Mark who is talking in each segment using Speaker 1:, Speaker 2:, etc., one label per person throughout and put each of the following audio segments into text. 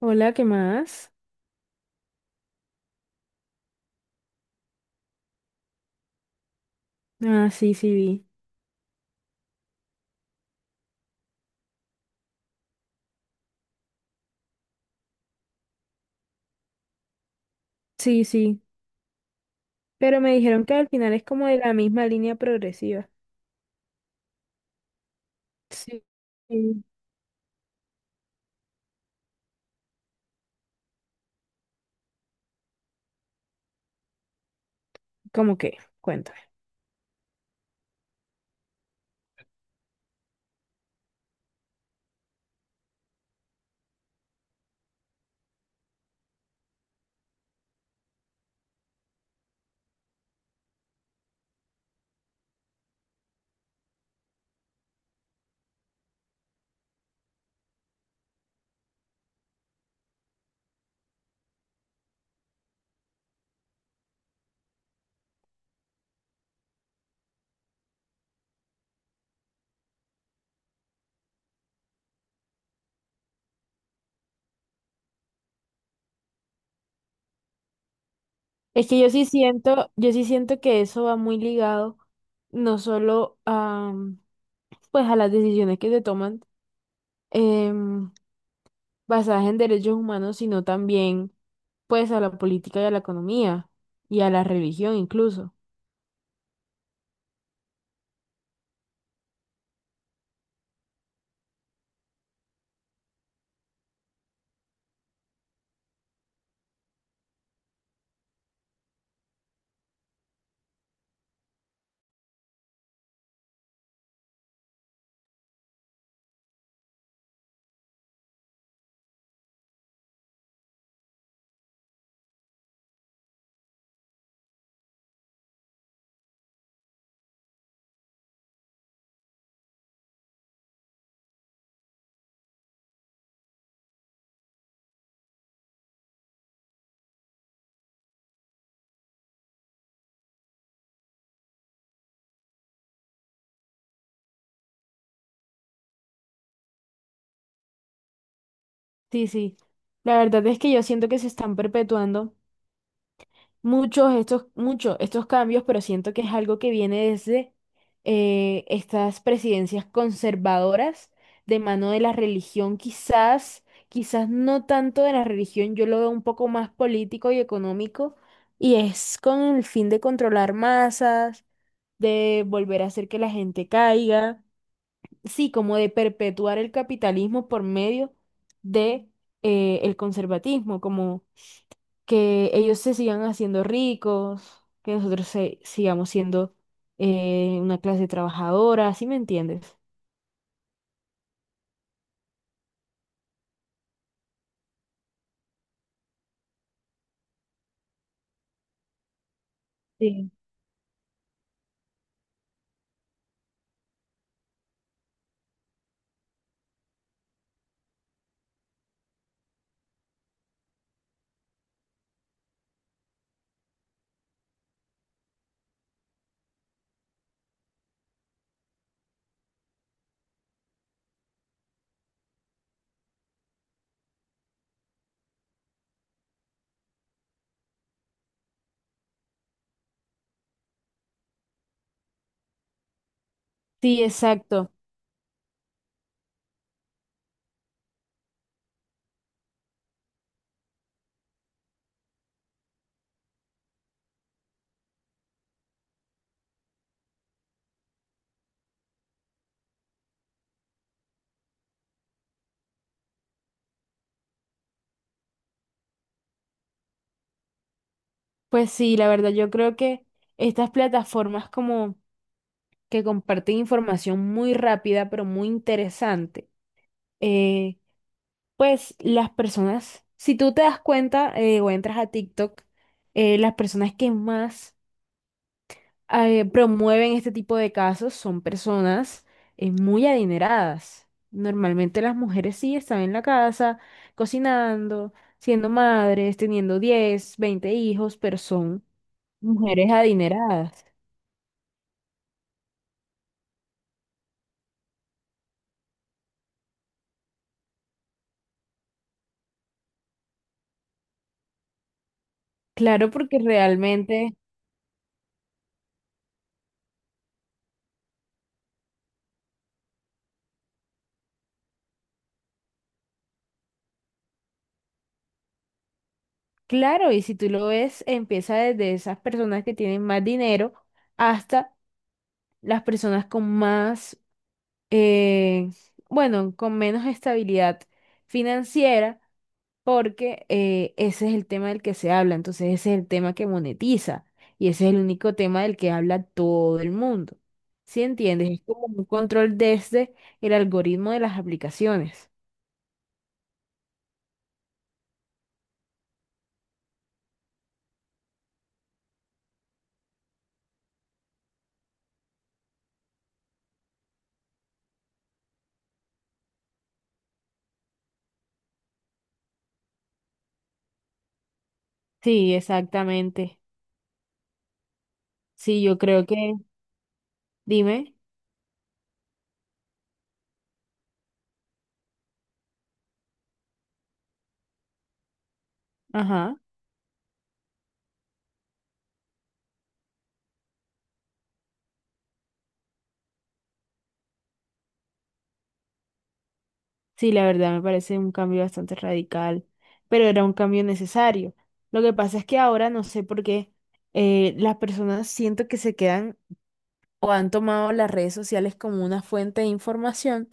Speaker 1: Hola, ¿qué más? Ah, sí, sí, vi. Sí, sí. Pero me dijeron que al final es como de la misma línea progresiva. Sí. Sí. ¿Cómo que? Cuéntame. Es que yo sí siento que eso va muy ligado no solo a, pues a las decisiones que se toman em, basadas en derechos humanos, sino también pues a la política y a la economía y a la religión incluso. Sí, sí. La verdad es que yo siento que se están perpetuando. Muchos estos cambios, pero siento que es algo que viene desde estas presidencias conservadoras de mano de la religión, quizás, quizás no tanto de la religión, yo lo veo un poco más político y económico, y es con el fin de controlar masas, de volver a hacer que la gente caiga, sí, como de perpetuar el capitalismo por medio de el conservatismo, como que ellos se sigan haciendo ricos, que nosotros sigamos siendo una clase trabajadora, ¿sí me entiendes? Sí. Sí, exacto. Pues sí, la verdad, yo creo que estas plataformas como que comparten información muy rápida, pero muy interesante, eh, pues las personas, si tú te das cuenta, o entras a TikTok, las personas que más promueven este tipo de casos son personas muy adineradas. Normalmente las mujeres sí están en la casa cocinando, siendo madres, teniendo 10 20 hijos, pero son mujeres adineradas. Claro, porque realmente, claro, y si tú lo ves, empieza desde esas personas que tienen más dinero hasta las personas con más, eh, bueno, con menos estabilidad financiera porque ese es el tema del que se habla, entonces ese es el tema que monetiza y ese es el único tema del que habla todo el mundo. ¿Sí entiendes? Es como un control desde el algoritmo de las aplicaciones. Sí, exactamente. Sí, yo creo que, dime, ajá, sí, la verdad me parece un cambio bastante radical, pero era un cambio necesario. Lo que pasa es que ahora no sé por qué las personas siento que se quedan o han tomado las redes sociales como una fuente de información,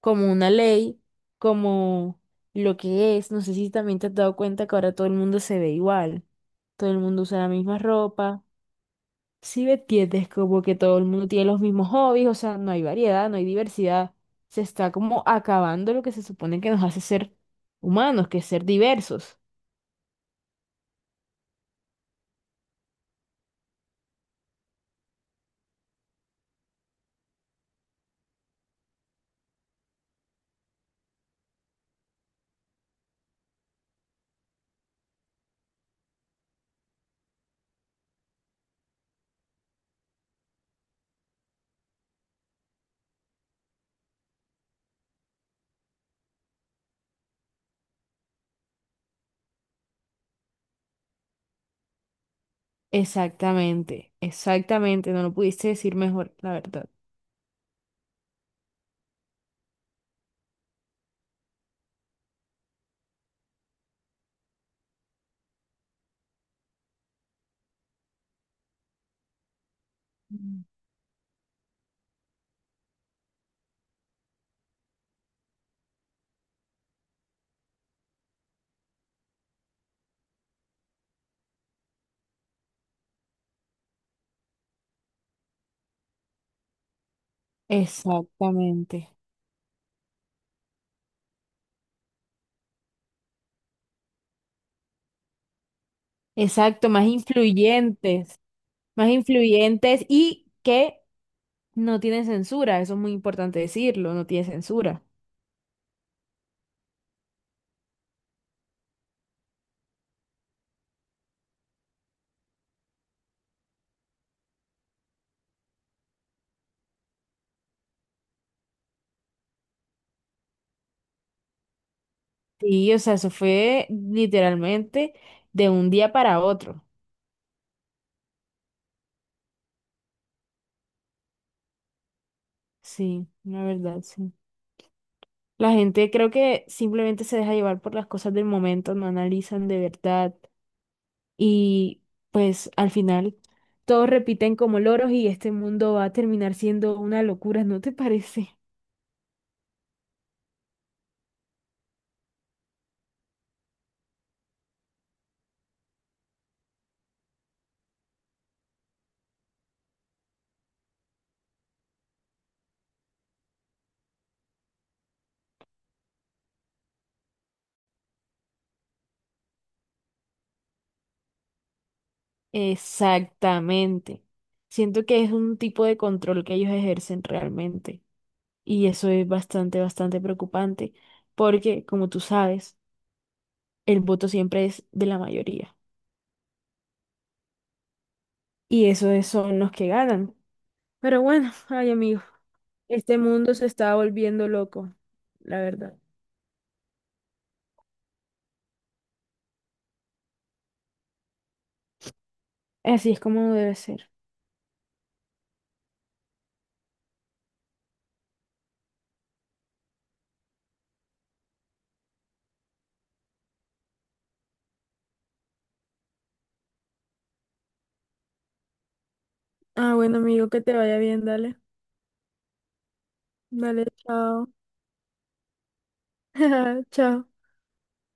Speaker 1: como una ley, como lo que es. No sé si también te has dado cuenta que ahora todo el mundo se ve igual, todo el mundo usa la misma ropa. Si me entiendes, como que todo el mundo tiene los mismos hobbies, o sea, no hay variedad, no hay diversidad. Se está como acabando lo que se supone que nos hace ser humanos, que es ser diversos. Exactamente, exactamente, no lo pudiste decir mejor, la verdad. Exactamente. Exacto, más influyentes y que no tiene censura, eso es muy importante decirlo, no tiene censura. Sí, o sea, eso fue literalmente de un día para otro. Sí, la verdad, sí. La gente creo que simplemente se deja llevar por las cosas del momento, no analizan de verdad y pues al final todos repiten como loros y este mundo va a terminar siendo una locura, ¿no te parece? Exactamente. Siento que es un tipo de control que ellos ejercen realmente. Y eso es bastante, bastante preocupante, porque como tú sabes, el voto siempre es de la mayoría. Y son los que ganan. Pero bueno, ay amigo, este mundo se está volviendo loco, la verdad. Así es como debe ser. Ah, bueno, amigo, que te vaya bien, dale. Dale, chao. Chao.